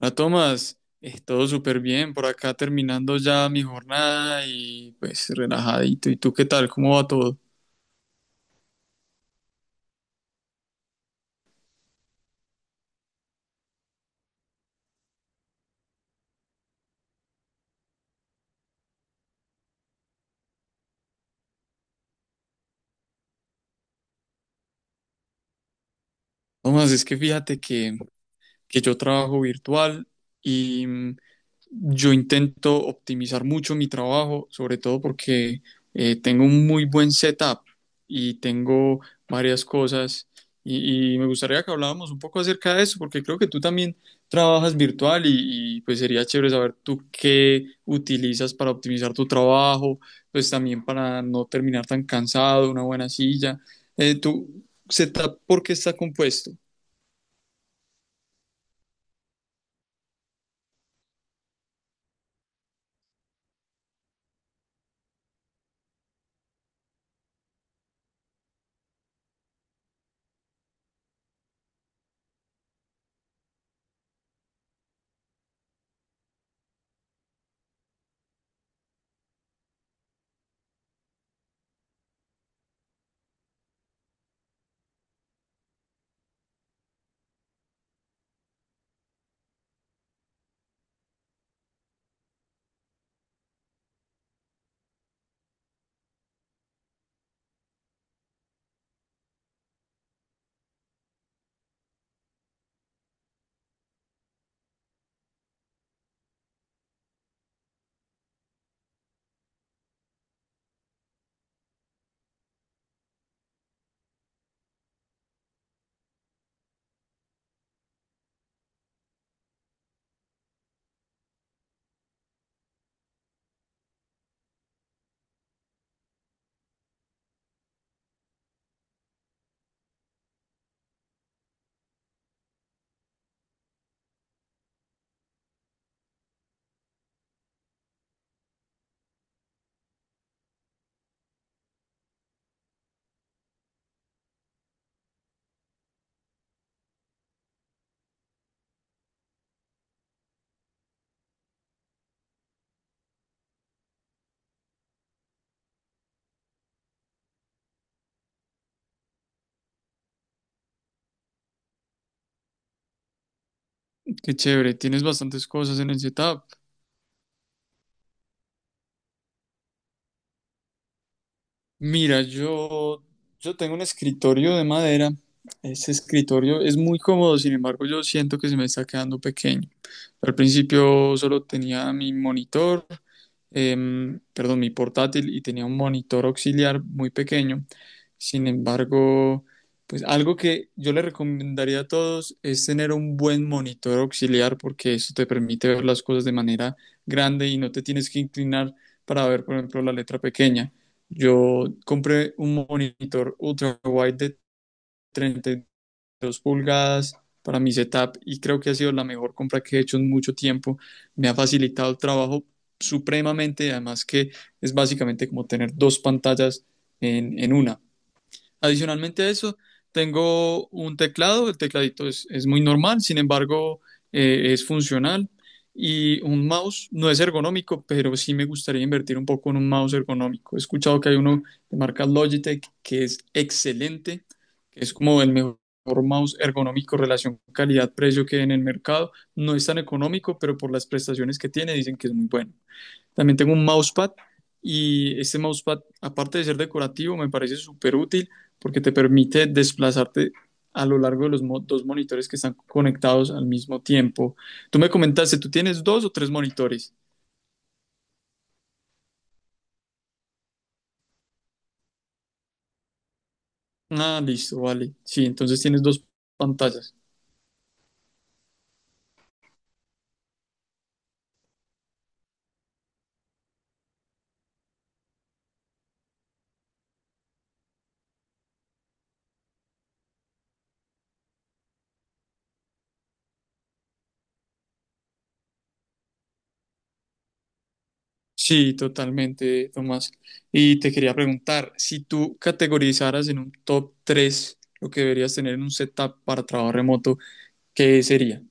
Ah, Tomás, es todo súper bien por acá terminando ya mi jornada y pues relajadito. ¿Y tú qué tal? ¿Cómo va todo? Tomás, es que fíjate que yo trabajo virtual y yo intento optimizar mucho mi trabajo, sobre todo porque tengo un muy buen setup y tengo varias cosas y, me gustaría que habláramos un poco acerca de eso porque creo que tú también trabajas virtual y, pues sería chévere saber tú qué utilizas para optimizar tu trabajo, pues también para no terminar tan cansado, una buena silla. ¿Tu setup por qué está compuesto? Qué chévere, tienes bastantes cosas en el setup. Mira, yo tengo un escritorio de madera. Ese escritorio es muy cómodo, sin embargo, yo siento que se me está quedando pequeño. Al principio solo tenía mi portátil y tenía un monitor auxiliar muy pequeño. Sin embargo, pues algo que yo le recomendaría a todos es tener un buen monitor auxiliar porque eso te permite ver las cosas de manera grande y no te tienes que inclinar para ver, por ejemplo, la letra pequeña. Yo compré un monitor ultra wide de 32 dos pulgadas para mi setup y creo que ha sido la mejor compra que he hecho en mucho tiempo. Me ha facilitado el trabajo supremamente, además que es básicamente como tener dos pantallas en una. Adicionalmente a eso, tengo un teclado, el tecladito es muy normal, sin embargo, es funcional y un mouse no es ergonómico, pero sí me gustaría invertir un poco en un mouse ergonómico. He escuchado que hay uno de marca Logitech que es excelente, que es como el mejor mouse ergonómico relación calidad-precio que hay en el mercado. No es tan económico, pero por las prestaciones que tiene dicen que es muy bueno. También tengo un mousepad y este mousepad, aparte de ser decorativo, me parece súper útil porque te permite desplazarte a lo largo de los dos monitores que están conectados al mismo tiempo. Tú me comentaste, ¿tú tienes dos o tres monitores? Ah, listo, vale. Sí, entonces tienes dos pantallas. Sí, totalmente, Tomás. Y te quería preguntar, si tú categorizaras en un top 3 lo que deberías tener en un setup para trabajo remoto, ¿qué sería?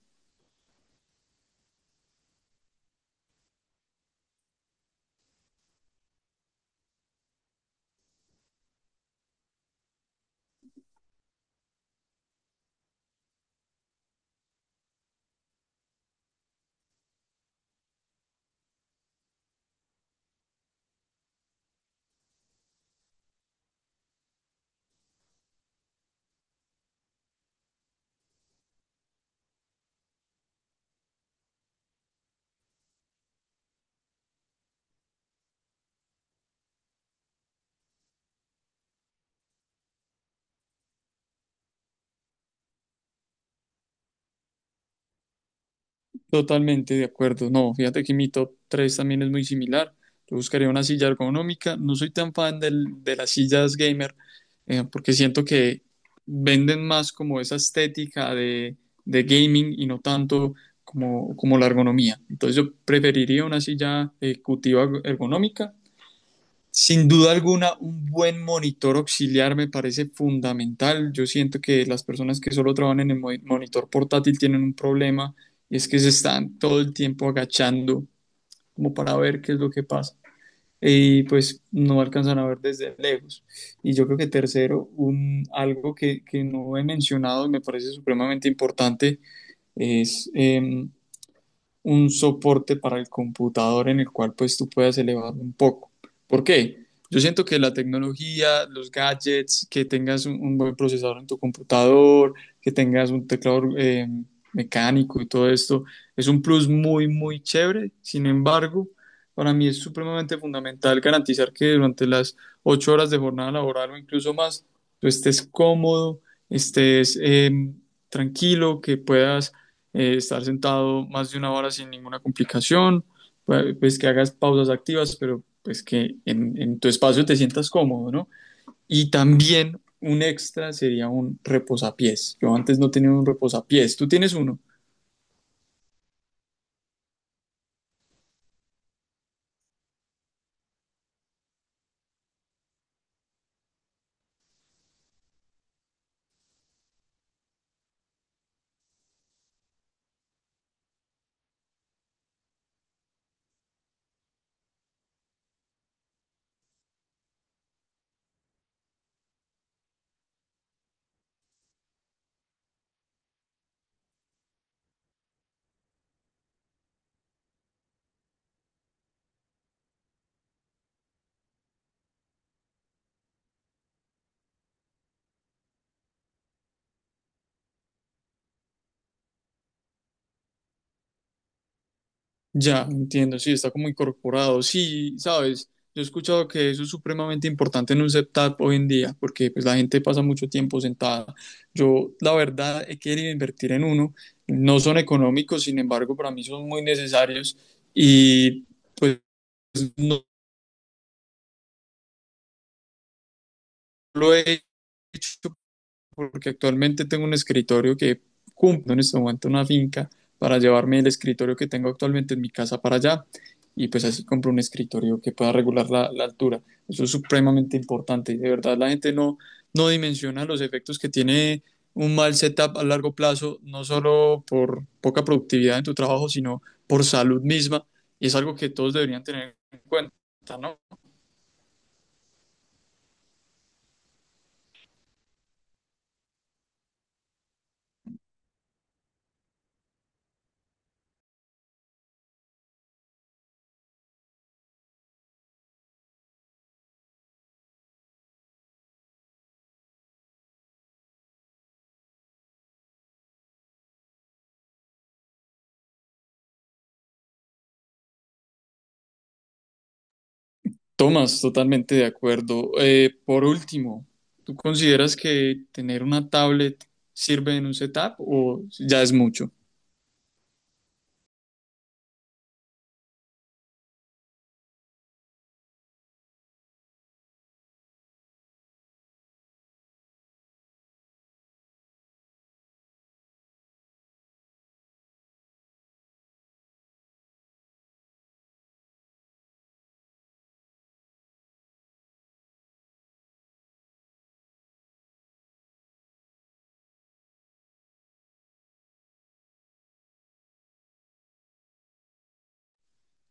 Totalmente de acuerdo. No, fíjate que mi top 3 también es muy similar. Yo buscaría una silla ergonómica. No soy tan fan de las sillas gamer porque siento que venden más como esa estética de gaming y no tanto como la ergonomía. Entonces yo preferiría una silla ejecutiva ergonómica sin duda alguna, un buen monitor auxiliar me parece fundamental. Yo siento que las personas que solo trabajan en el monitor portátil tienen un problema y es que se están todo el tiempo agachando como para ver qué es lo que pasa. Y pues no alcanzan a ver desde lejos. Y yo creo que tercero, algo que no he mencionado y me parece supremamente importante es un soporte para el computador en el cual pues tú puedas elevarlo un poco. ¿Por qué? Yo siento que la tecnología, los gadgets, que tengas un buen procesador en tu computador, que tengas un teclado mecánico y todo esto, es un plus muy, muy chévere. Sin embargo, para mí es supremamente fundamental garantizar que durante las 8 horas de jornada laboral o incluso más, tú estés cómodo, estés tranquilo, que puedas estar sentado más de una hora sin ninguna complicación, pues que hagas pausas activas, pero pues que en tu espacio te sientas cómodo, ¿no? Y también un extra sería un reposapiés. Yo antes no tenía un reposapiés, tú tienes uno. Ya, entiendo, sí, está como incorporado. Sí, sabes, yo he escuchado que eso es supremamente importante en un setup hoy en día, porque pues la gente pasa mucho tiempo sentada. Yo, la verdad, he querido invertir en uno. No son económicos, sin embargo, para mí son muy necesarios y pues no lo he hecho porque actualmente tengo un escritorio que cumple en este momento una finca para llevarme el escritorio que tengo actualmente en mi casa para allá y pues así compro un escritorio que pueda regular la altura. Eso es supremamente importante y de verdad la gente no dimensiona los efectos que tiene un mal setup a largo plazo, no solo por poca productividad en tu trabajo, sino por salud misma y es algo que todos deberían tener en cuenta, ¿no? Tomás, totalmente de acuerdo. Por último, ¿tú consideras que tener una tablet sirve en un setup o ya es mucho?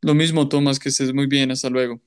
Lo mismo, Tomás, que estés muy bien, hasta luego.